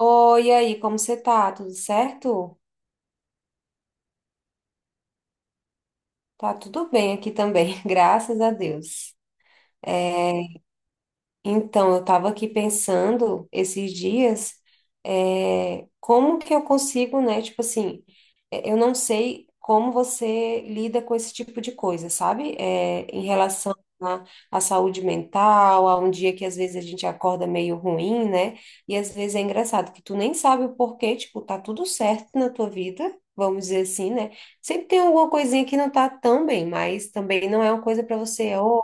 Oi, e aí, como você tá? Tudo certo? Tá tudo bem aqui também, graças a Deus. É, então, eu estava aqui pensando esses dias, como que eu consigo, né? Tipo assim, eu não sei como você lida com esse tipo de coisa, sabe? É, em relação à, à saúde mental, a um dia que às vezes a gente acorda meio ruim, né? E às vezes é engraçado que tu nem sabe o porquê, tipo, tá tudo certo na tua vida, vamos dizer assim, né? Sempre tem alguma coisinha que não tá tão bem, mas também não é uma coisa para você, ô,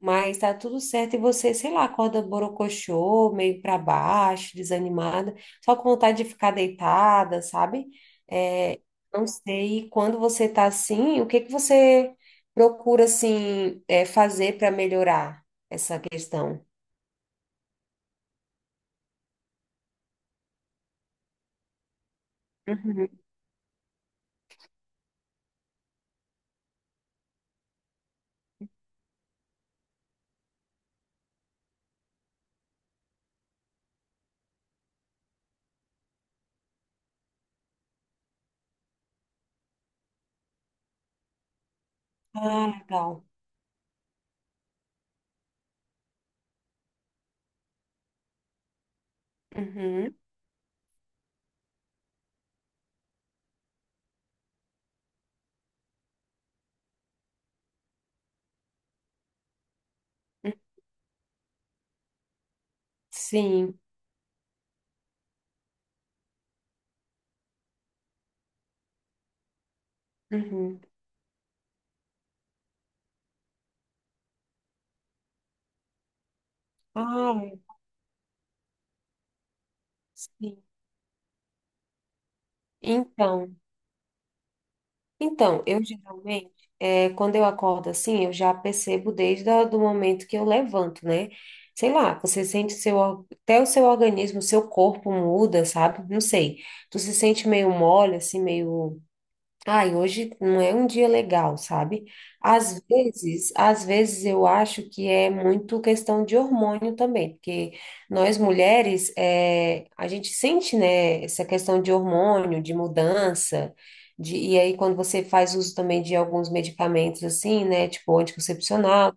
mas tá tudo certo e você, sei lá, acorda borocochô, meio para baixo, desanimada, só com vontade de ficar deitada, sabe? É, não sei quando você tá assim, o que que você procura assim fazer para melhorar essa questão? Uhum. Ah, legal. Uhum. Sim. Uhum. Ah, sim. Então. Então, eu geralmente, quando eu acordo assim, eu já percebo desde do momento que eu levanto, né? Sei lá, você sente seu, até o seu organismo, o seu corpo muda, sabe? Não sei. Tu se sente meio mole, assim, meio. Ai, hoje não é um dia legal, sabe? Às vezes eu acho que é muito questão de hormônio também, porque nós mulheres, é, a gente sente, né, essa questão de hormônio, de mudança, de, e aí quando você faz uso também de alguns medicamentos assim, né, tipo anticoncepcional,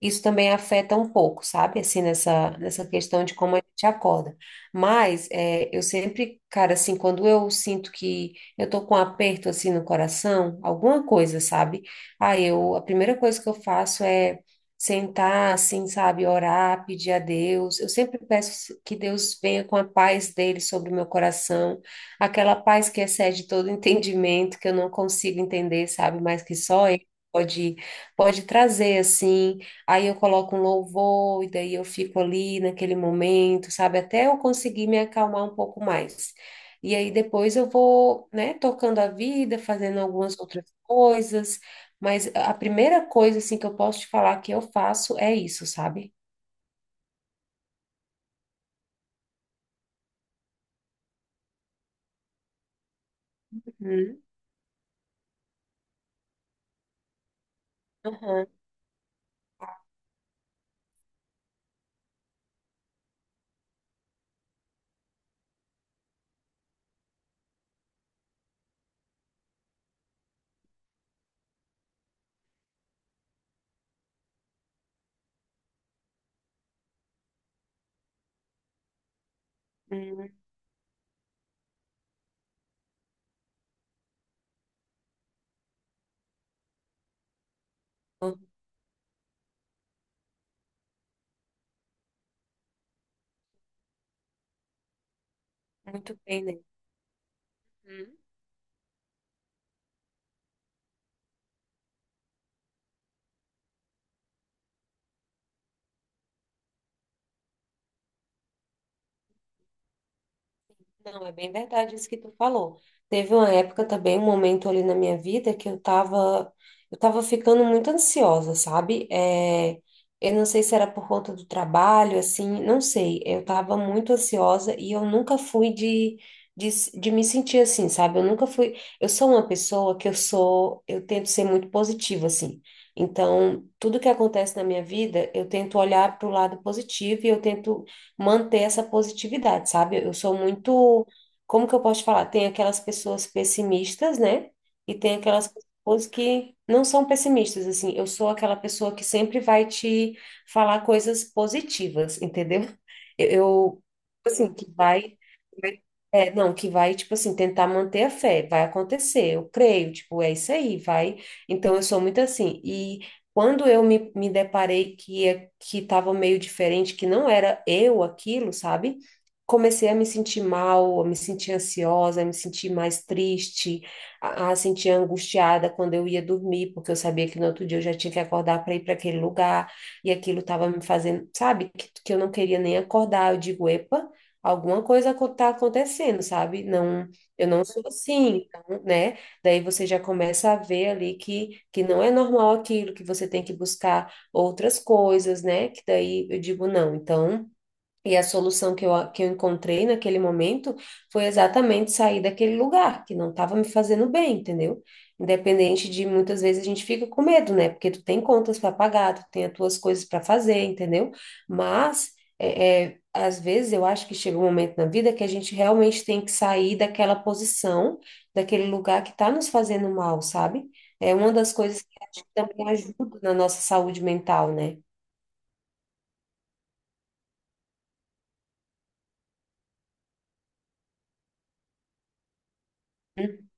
isso também afeta um pouco, sabe? Assim, nessa questão de como a gente acorda. Mas é, eu sempre, cara, assim, quando eu sinto que eu tô com um aperto, assim, no coração, alguma coisa, sabe? A primeira coisa que eu faço é sentar, assim, sabe? Orar, pedir a Deus. Eu sempre peço que Deus venha com a paz dele sobre o meu coração, aquela paz que excede todo entendimento, que eu não consigo entender, sabe? Mas que só ele pode, pode trazer, assim. Aí eu coloco um louvor, e daí eu fico ali naquele momento, sabe? Até eu conseguir me acalmar um pouco mais. E aí depois eu vou, né, tocando a vida, fazendo algumas outras coisas, mas a primeira coisa, assim, que eu posso te falar que eu faço é isso, sabe? Uhum. Aham. Uhum. Muito bem, né? Não, é bem verdade isso que tu falou. Teve uma época também, um momento ali na minha vida que eu tava ficando muito ansiosa, sabe? É, eu não sei se era por conta do trabalho, assim, não sei. Eu tava muito ansiosa e eu nunca fui de me sentir assim, sabe? Eu nunca fui. Eu sou uma pessoa que eu sou, eu tento ser muito positiva, assim. Então, tudo que acontece na minha vida, eu tento olhar para o lado positivo e eu tento manter essa positividade, sabe? Eu sou muito, como que eu posso te falar? Tem aquelas pessoas pessimistas, né? E tem aquelas pessoas que não são pessimistas, assim. Eu sou aquela pessoa que sempre vai te falar coisas positivas, entendeu? Eu, eu, assim, que vai vai é, não, que vai, tipo assim, tentar manter a fé, vai acontecer, eu creio, tipo, é isso aí, vai. Então, eu sou muito assim. E quando eu me deparei que estava meio diferente, que não era eu aquilo, sabe? Comecei a me sentir mal, a me sentir ansiosa, a me sentir mais triste, a sentir angustiada quando eu ia dormir, porque eu sabia que no outro dia eu já tinha que acordar para ir para aquele lugar, e aquilo estava me fazendo, sabe? Que eu não queria nem acordar. Eu digo, epa, alguma coisa está acontecendo, sabe? Não, eu não sou assim, então, né? Daí você já começa a ver ali que não é normal aquilo, que você tem que buscar outras coisas, né? Que daí eu digo, não, então e a solução que eu encontrei naquele momento foi exatamente sair daquele lugar que não estava me fazendo bem, entendeu? Independente de muitas vezes a gente fica com medo, né? Porque tu tem contas para pagar, tu tem as tuas coisas para fazer, entendeu? Mas às vezes eu acho que chega um momento na vida que a gente realmente tem que sair daquela posição, daquele lugar que está nos fazendo mal, sabe? É uma das coisas que acho que também ajuda na nossa saúde mental, né? Uhum.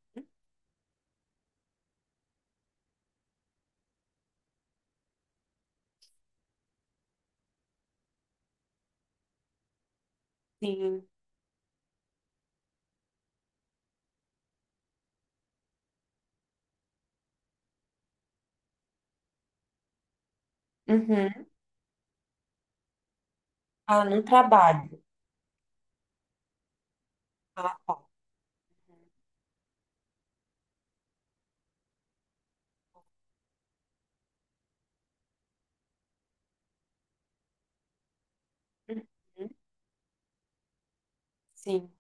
Sim. Uhum. Ah, no trabalho. Ah, tá. Uhum. Sim.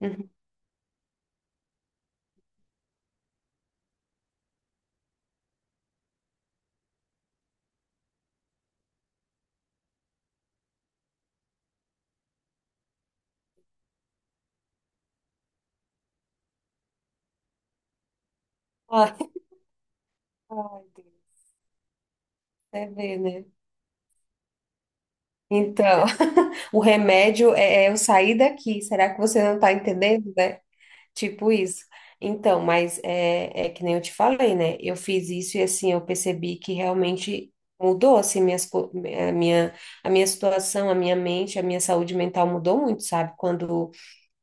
Uhum. Ai, ai, Deus. Você vê, né? Então, o remédio é eu sair daqui. Será que você não está entendendo, né? Tipo isso. Então, mas é que nem eu te falei, né? Eu fiz isso e assim, eu percebi que realmente mudou, assim, a minha, a minha situação, a minha mente, a minha saúde mental mudou muito, sabe?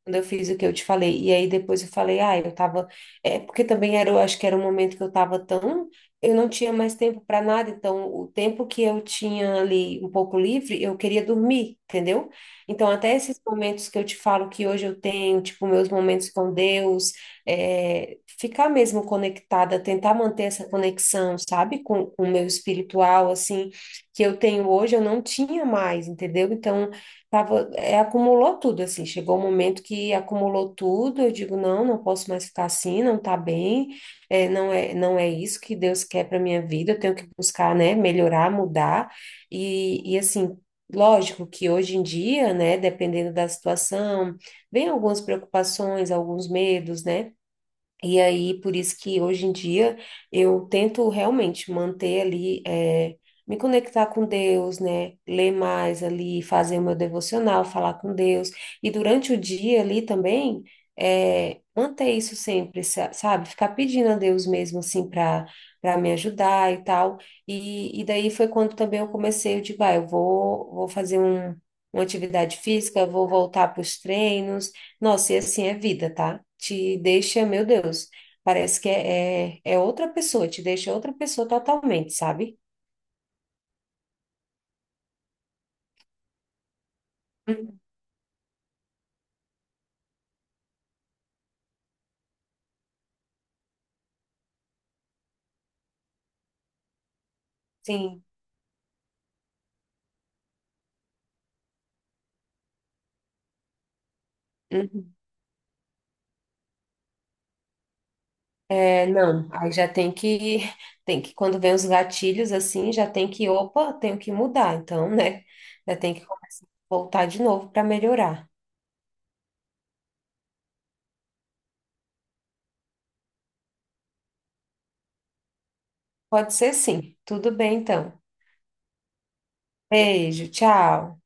Quando eu fiz o que eu te falei. E aí depois eu falei, ah, eu tava. É porque também era, eu acho que era um momento que eu tava tão. Eu não tinha mais tempo para nada, então o tempo que eu tinha ali um pouco livre, eu queria dormir, entendeu? Então, até esses momentos que eu te falo que hoje eu tenho, tipo, meus momentos com Deus, ficar mesmo conectada, tentar manter essa conexão, sabe, com o meu espiritual, assim, que eu tenho hoje, eu não tinha mais, entendeu? Então, tava, acumulou tudo, assim. Chegou um momento que acumulou tudo. Eu digo, não, não posso mais ficar assim, não tá bem, não é isso que Deus quer para minha vida. Eu tenho que buscar, né, melhorar, mudar. E assim, lógico que hoje em dia, né, dependendo da situação, vem algumas preocupações, alguns medos, né? E aí, por isso que hoje em dia eu tento realmente manter ali, me conectar com Deus, né? Ler mais ali, fazer o meu devocional, falar com Deus. E durante o dia ali também, manter isso sempre, sabe? Ficar pedindo a Deus mesmo, assim, para para me ajudar e tal. E daí foi quando também eu comecei, eu digo, ah, vou fazer um, uma atividade física, vou voltar para os treinos. Nossa, e assim é vida, tá? Te deixa, meu Deus, parece que é outra pessoa, te deixa outra pessoa totalmente, sabe? Uhum. Sim. Uhum. É, não, aí já tem que, tem que, quando vem os gatilhos assim, já tem que, opa, tenho que mudar, então, né? Já tem que voltar de novo para melhorar. Pode ser sim. Tudo bem, então. Beijo, tchau.